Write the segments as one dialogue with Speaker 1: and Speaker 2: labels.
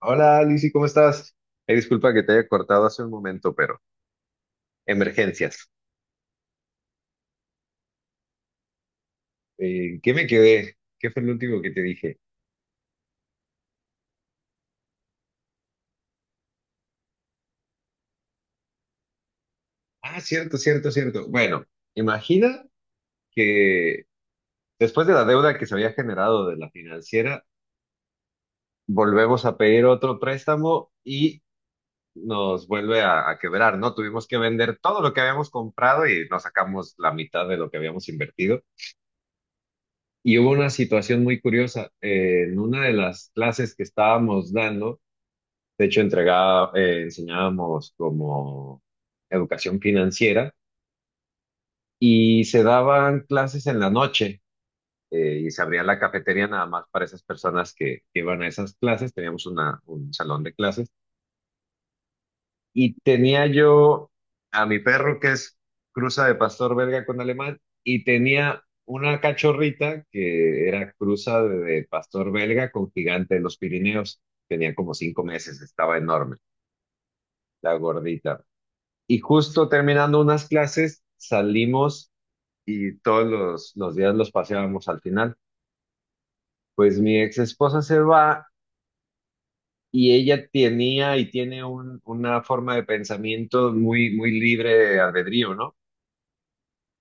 Speaker 1: Hola, Lizzy, ¿cómo estás? Disculpa que te haya cortado hace un momento, pero emergencias. ¿Qué me quedé? ¿Qué fue el último que te dije? Ah, cierto, cierto, cierto. Bueno, imagina que después de la deuda que se había generado de la financiera, volvemos a pedir otro préstamo y nos vuelve a quebrar, ¿no? Tuvimos que vender todo lo que habíamos comprado y nos sacamos la mitad de lo que habíamos invertido. Y hubo una situación muy curiosa. En una de las clases que estábamos dando, de hecho, entregaba, enseñábamos como educación financiera y se daban clases en la noche, y se abría la cafetería nada más para esas personas que iban a esas clases. Teníamos una, un salón de clases y tenía yo a mi perro que es cruza de pastor belga con alemán y tenía una cachorrita que era cruza de pastor belga con gigante de los Pirineos. Tenía como 5 meses, estaba enorme, la gordita. Y justo terminando unas clases, salimos y todos los días los paseábamos al final. Pues mi ex esposa se va y ella tenía y tiene una forma de pensamiento muy, muy libre de albedrío, ¿no?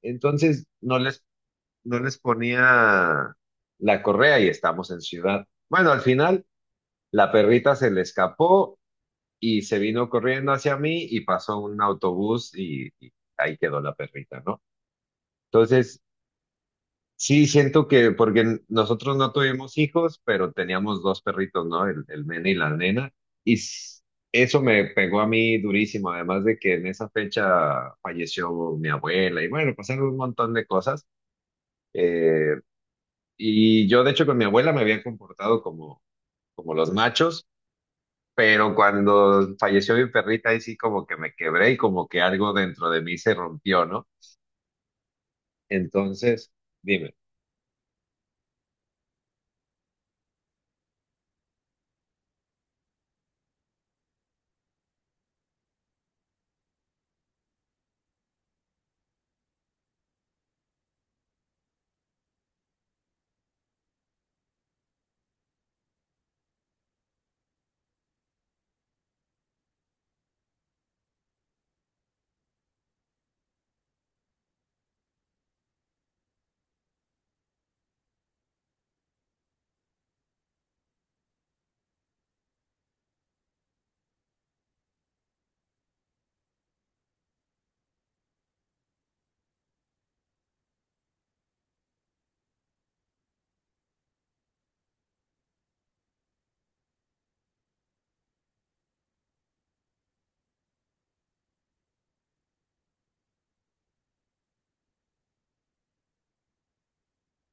Speaker 1: Entonces no les ponía la correa y estamos en ciudad. Bueno, al final la perrita se le escapó y se vino corriendo hacia mí y pasó un autobús y ahí quedó la perrita, ¿no? Entonces, sí, siento que porque nosotros no tuvimos hijos, pero teníamos dos perritos, ¿no? El nene y la nena. Y s- Eso me pegó a mí durísimo, además de que en esa fecha falleció mi abuela y bueno, pasaron un montón de cosas. Eh, y yo, de hecho, con mi abuela me había comportado como, como los machos, pero cuando falleció mi perrita, ahí sí como que me quebré y como que algo dentro de mí se rompió, ¿no? Entonces, dime.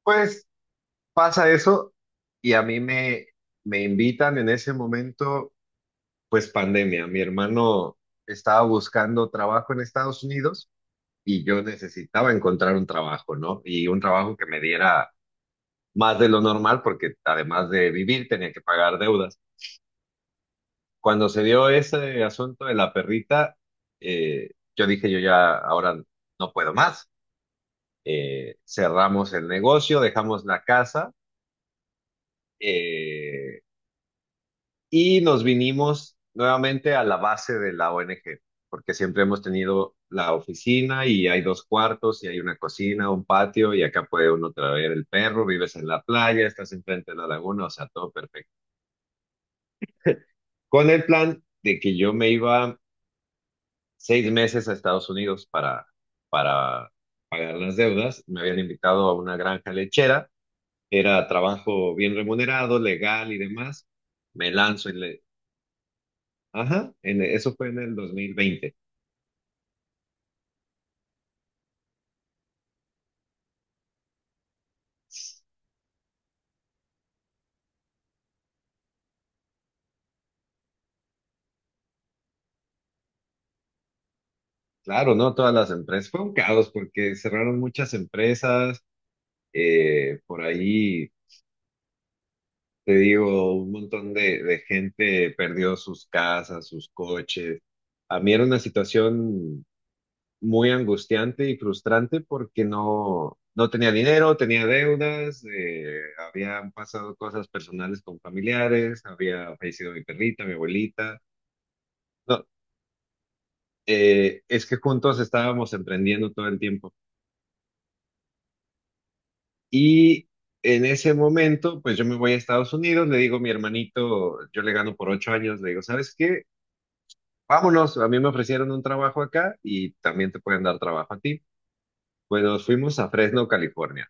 Speaker 1: Pues pasa eso y a mí me invitan en ese momento, pues pandemia. Mi hermano estaba buscando trabajo en Estados Unidos y yo necesitaba encontrar un trabajo, ¿no? Y un trabajo que me diera más de lo normal porque además de vivir tenía que pagar deudas. Cuando se dio ese asunto de la perrita, eh, yo dije, yo ya ahora no puedo más. Cerramos el negocio, dejamos la casa, eh, y nos vinimos nuevamente a la base de la ONG, porque siempre hemos tenido la oficina y hay 2 cuartos y hay una cocina, un patio y acá puede uno traer el perro, vives en la playa, estás enfrente de la laguna, o sea, todo perfecto. Con el plan de que yo me iba 6 meses a Estados Unidos para pagar las deudas, me habían invitado a una granja lechera, era trabajo bien remunerado, legal y demás. Me lanzo y le... Ajá, eso fue en el 2020. Claro, no todas las empresas. Fue un caos porque cerraron muchas empresas. Por ahí, te digo, un montón de gente perdió sus casas, sus coches. A mí era una situación muy angustiante y frustrante porque no, no tenía dinero, tenía deudas, habían pasado cosas personales con familiares, había fallecido mi perrita, mi abuelita. No, es que juntos estábamos emprendiendo todo el tiempo. Y en ese momento, pues yo me voy a Estados Unidos, le digo a mi hermanito, yo le gano por 8 años, le digo, ¿sabes qué? Vámonos, a mí me ofrecieron un trabajo acá y también te pueden dar trabajo a ti. Pues nos fuimos a Fresno, California.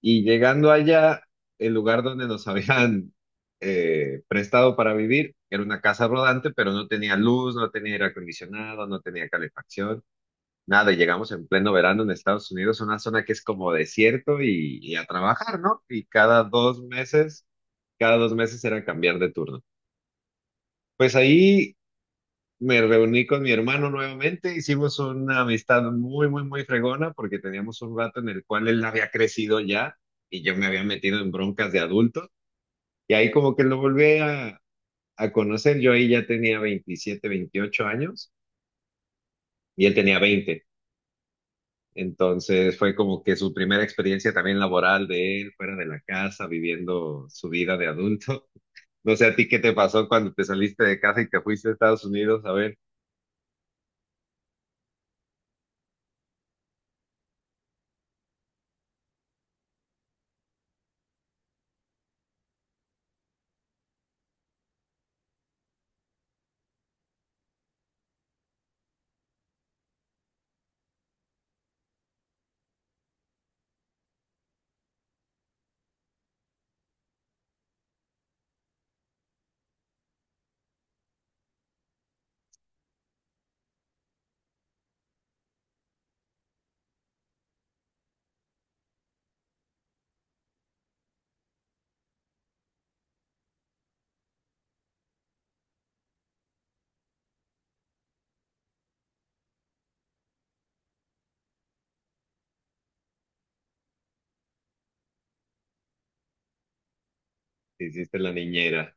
Speaker 1: Y llegando allá, el lugar donde nos habían, prestado para vivir era una casa rodante, pero no tenía luz, no tenía aire acondicionado, no tenía calefacción. Nada, y llegamos en pleno verano en Estados Unidos, una zona que es como desierto y a trabajar, ¿no? Y cada 2 meses, cada 2 meses era cambiar de turno. Pues ahí me reuní con mi hermano nuevamente, hicimos una amistad muy, muy, muy fregona porque teníamos un rato en el cual él había crecido ya y yo me había metido en broncas de adulto. Y ahí como que lo volví a conocer, yo ahí ya tenía 27, 28 años y él tenía 20. Entonces fue como que su primera experiencia también laboral de él, fuera de la casa, viviendo su vida de adulto. No sé a ti qué te pasó cuando te saliste de casa y te fuiste a Estados Unidos a ver si hiciste la niñera.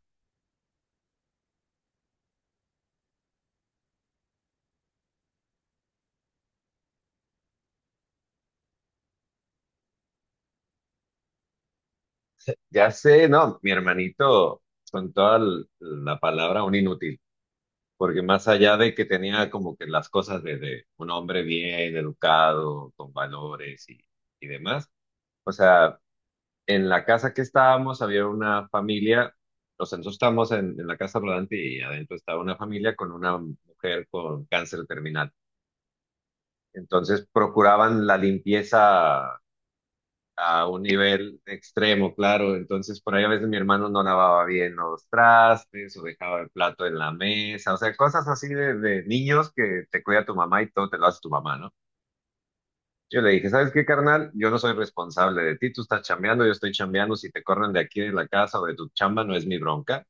Speaker 1: Ya sé, no, mi hermanito, con toda la palabra, un inútil, porque más allá de que tenía como que las cosas de un hombre bien educado, con valores y demás, o sea, en la casa que estábamos había una familia, o sea, nosotros estábamos en la casa rodante y adentro estaba una familia con una mujer con cáncer terminal. Entonces procuraban la limpieza a un nivel extremo, claro. Entonces por ahí a veces mi hermano no lavaba bien los trastes o dejaba el plato en la mesa, o sea, cosas así de niños que te cuida tu mamá y todo te lo hace tu mamá, ¿no? Yo le dije, ¿sabes qué, carnal? Yo no soy responsable de ti, tú estás chambeando, yo estoy chambeando, si te corren de aquí de la casa o de tu chamba no es mi bronca.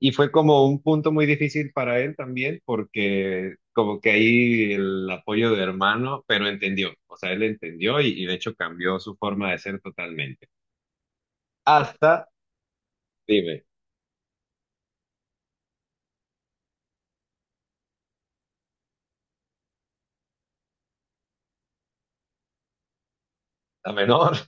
Speaker 1: Y fue como un punto muy difícil para él también, porque como que ahí el apoyo de hermano, pero entendió, o sea, él entendió y de hecho cambió su forma de ser totalmente. Hasta, dime, la menor,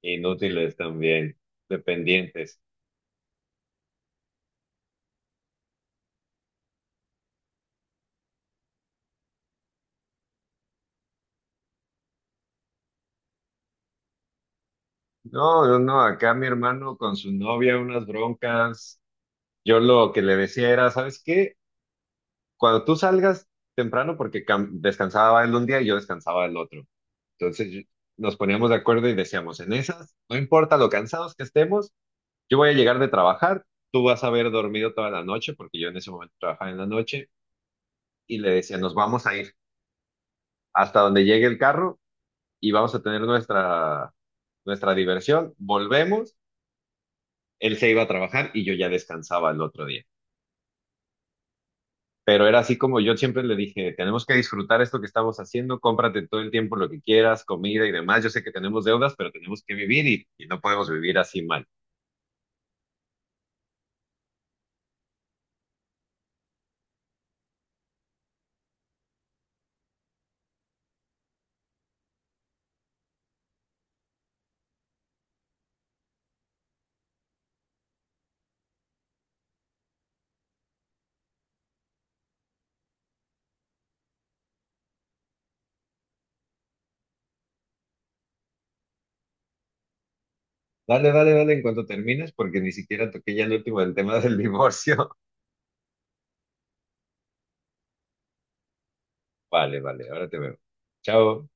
Speaker 1: inútiles también, dependientes. No, no, no, acá mi hermano con su novia, unas broncas. Yo lo que le decía era, ¿sabes qué? Cuando tú salgas temprano, porque descansaba él un día y yo descansaba el otro. Entonces yo- Nos poníamos de acuerdo y decíamos, en esas, no importa lo cansados que estemos, yo voy a llegar de trabajar, tú vas a haber dormido toda la noche, porque yo en ese momento trabajaba en la noche, y le decía, nos vamos a ir hasta donde llegue el carro y vamos a tener nuestra, nuestra diversión, volvemos, él se iba a trabajar y yo ya descansaba el otro día. Pero era así como yo siempre le dije, tenemos que disfrutar esto que estamos haciendo, cómprate todo el tiempo lo que quieras, comida y demás. Yo sé que tenemos deudas, pero tenemos que vivir y no podemos vivir así mal. Dale, dale, dale en cuanto termines, porque ni siquiera toqué ya el último, el tema del divorcio. Vale, vale, ahora te veo. Chao.